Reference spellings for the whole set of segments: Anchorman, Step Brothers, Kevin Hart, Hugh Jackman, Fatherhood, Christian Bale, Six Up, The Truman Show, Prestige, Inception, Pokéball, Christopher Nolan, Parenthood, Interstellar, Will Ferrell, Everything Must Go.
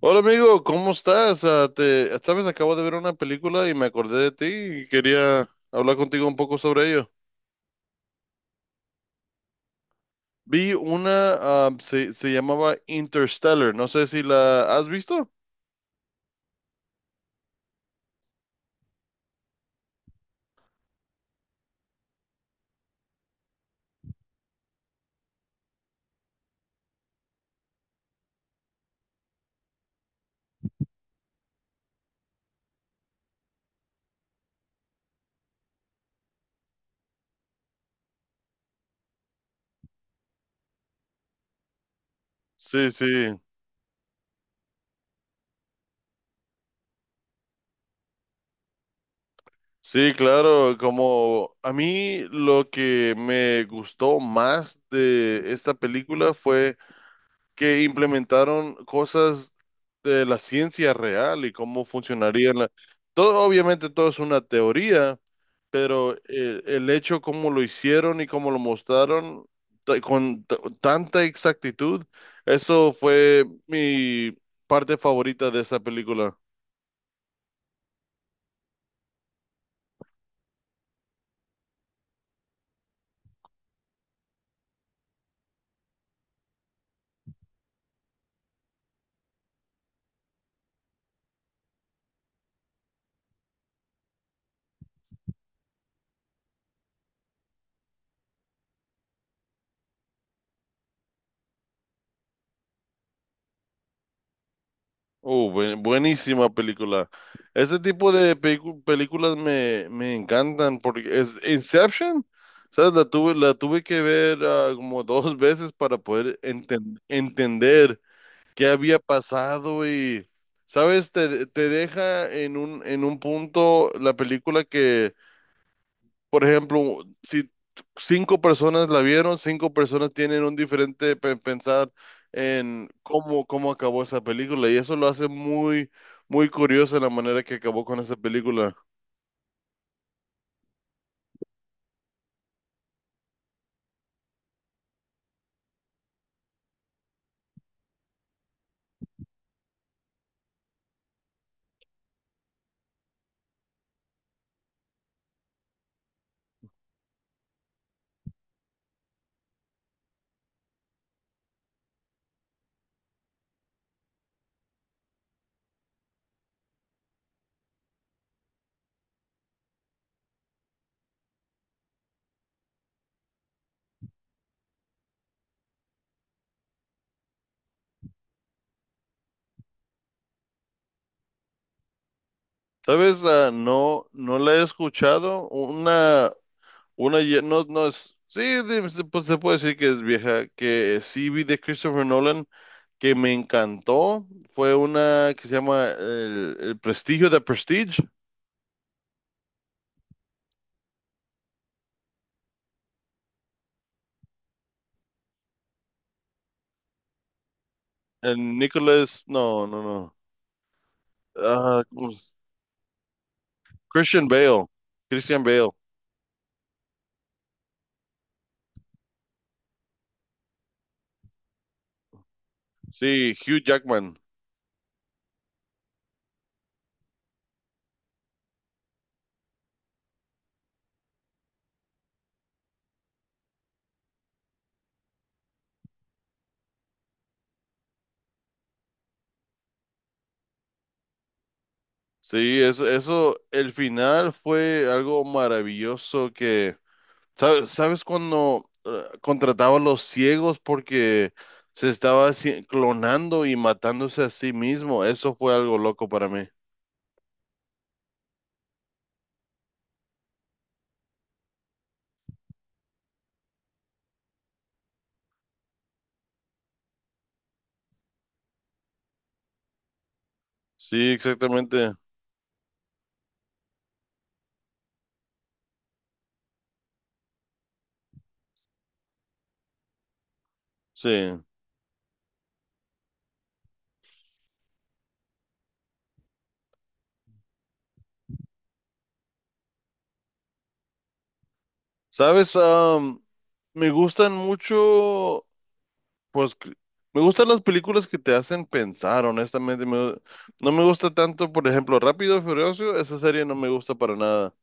Hola amigo, ¿cómo estás? Sabes, acabo de ver una película y me acordé de ti y quería hablar contigo un poco sobre ello. Vi una, se llamaba Interstellar, no sé si la has visto. Sí, sí, sí, claro, como a mí lo que me gustó más de esta película fue que implementaron cosas de la ciencia real y cómo funcionaría la... Todo, obviamente todo es una teoría pero el hecho como lo hicieron y como lo mostraron tanta exactitud, eso fue mi parte favorita de esa película. Oh, buenísima película. Ese tipo de películas me encantan porque es Inception, ¿sabes? La tuve que ver como dos veces para poder entender qué había pasado y, ¿sabes? Te deja en en un punto la película que, por ejemplo, si cinco personas la vieron, cinco personas tienen un diferente pensar en cómo acabó esa película y eso lo hace muy, muy curioso la manera que acabó con esa película. ¿Sabes? No la he escuchado. Una, ye- no, no es, sí, de- se- pues se puede decir que es vieja, que sí vi de Christopher Nolan que me encantó fue una que se llama el Prestigio de Prestige. El Nicholas, no. Ah, ¿cómo se- Christian Bale. Christian Bale. Sí, Hugh Jackman. Sí, eso, el final fue algo maravilloso que, ¿sabes, sabes cuando contrataba a los ciegos porque se estaba clonando y matándose a sí mismo? Eso fue algo loco para mí. Sí, exactamente. Sí. ¿Sabes? Me gustan mucho, pues, que- me gustan las películas que te hacen pensar, honestamente. No me gusta tanto, por ejemplo, Rápido y Furioso, esa serie no me gusta para nada.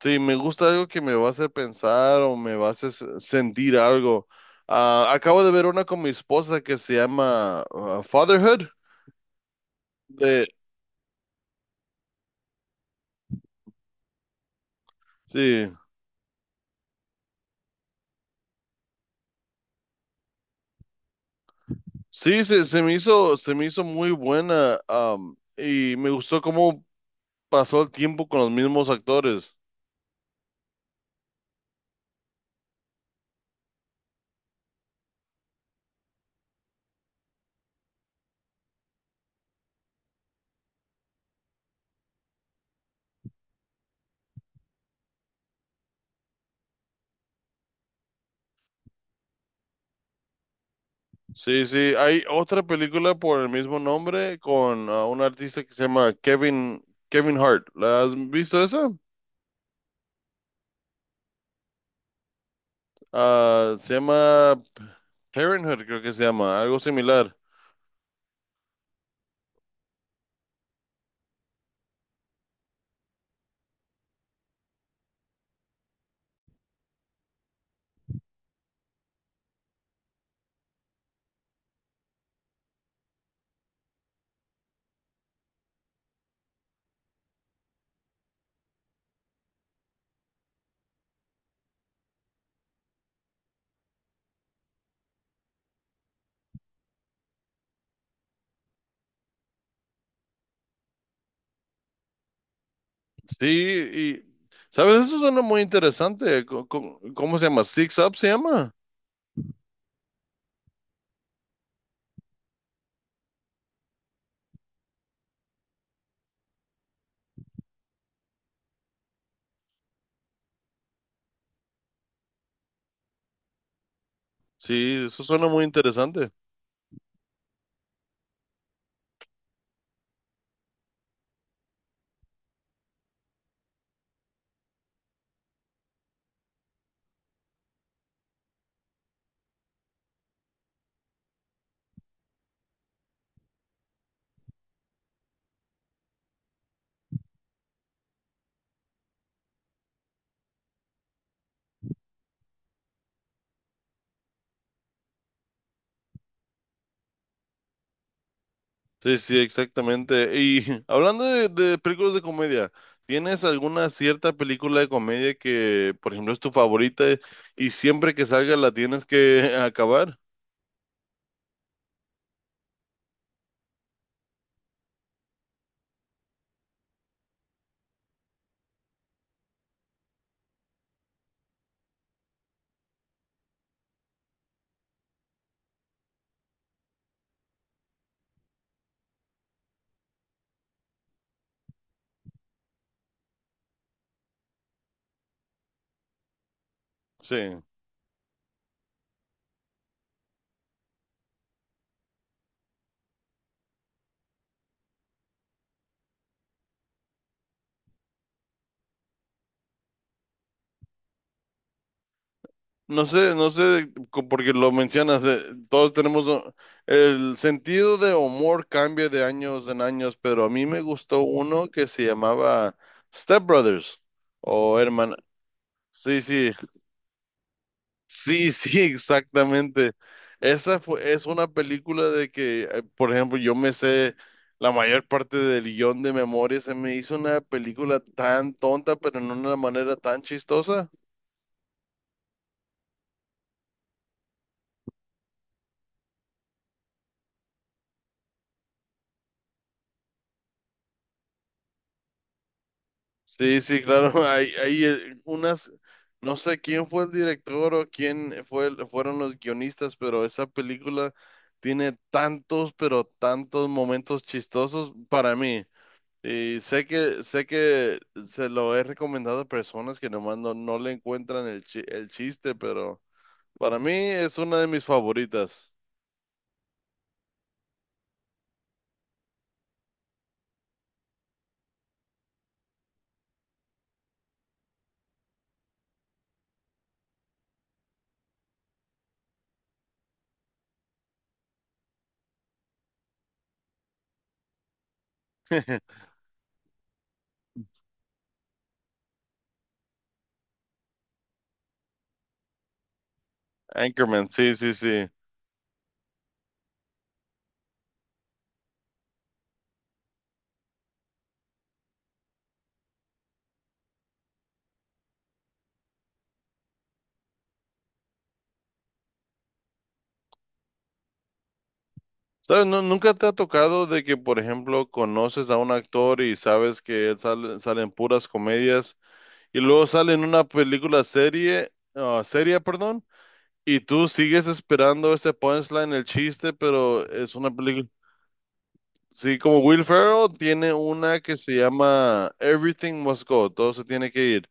Sí, me gusta algo que me va a hacer pensar o me va a hacer sentir algo. Ah, acabo de ver una con mi esposa que se llama Fatherhood. De, sí, sí, se me hizo muy buena, y me gustó cómo pasó el tiempo con los mismos actores. Sí, sí, hay otra película por el mismo nombre con un artista que se llama Kevin Hart. ¿La has visto esa? Ah, se llama Parenthood, creo que se llama, algo similar. Sí, y, ¿sabes? Eso suena muy interesante. ¿Cómo, se llama? Six Up se llama. Sí, eso suena muy interesante. Sí, sí, exactamente. Y hablando de películas de comedia, ¿tienes alguna cierta película de comedia que, por ejemplo, es tu favorita y siempre que salga la tienes que acabar? Sí. No sé, no sé, porque lo mencionas, todos tenemos el sentido de humor cambia de años en años, pero a mí me gustó uno que se llamaba Step Brothers o Hermana. Sí, sí. Sí, sí, exactamente. Esa fue, es una película de que, por ejemplo, yo me sé la mayor parte del guión de memoria. Se me hizo una película tan tonta, pero en una manera tan chistosa. Sí, sí, claro. Hay unas, no sé quién fue el director o quién fue, fueron los guionistas, pero esa película tiene tantos, pero tantos momentos chistosos para mí. Y sé que se lo he recomendado a personas que nomás no, no le encuentran el, el chiste, pero para mí es una de mis favoritas. Anchorman, sí, sí, sí. ¿Sabes? No, ¿nunca te ha tocado de que, por ejemplo, conoces a un actor y sabes que él sale, sale en puras comedias y luego sale en una película serie, seria, perdón, y tú sigues esperando ese punchline, el chiste, pero es una película. Sí, como Will Ferrell tiene una que se llama Everything Must Go, todo se tiene que ir.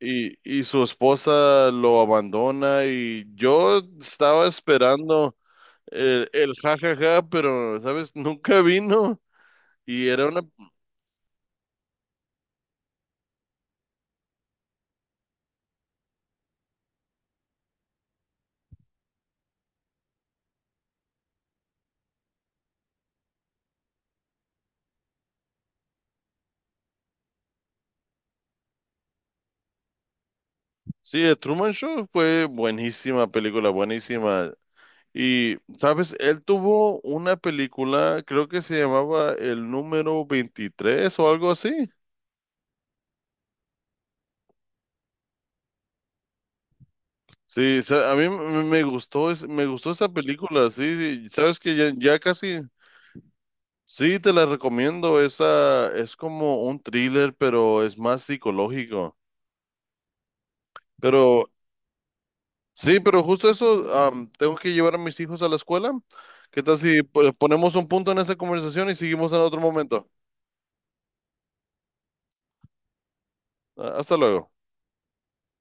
Y su esposa lo abandona y yo estaba esperando el jajaja, pero, ¿sabes? Nunca vino. Y era una... Sí, The Truman Show fue buenísima película, buenísima. Y, ¿sabes? Él tuvo una película, creo que se llamaba El número 23 o algo así. Sí, a mí me gustó, me gustó esa película, sí, sí, sabes que ya, ya casi, sí, te la recomiendo, esa es como un thriller, pero es más psicológico, pero sí, pero justo eso, tengo que llevar a mis hijos a la escuela, ¿qué tal si ponemos un punto en esta conversación y seguimos en otro momento? Ah, hasta luego.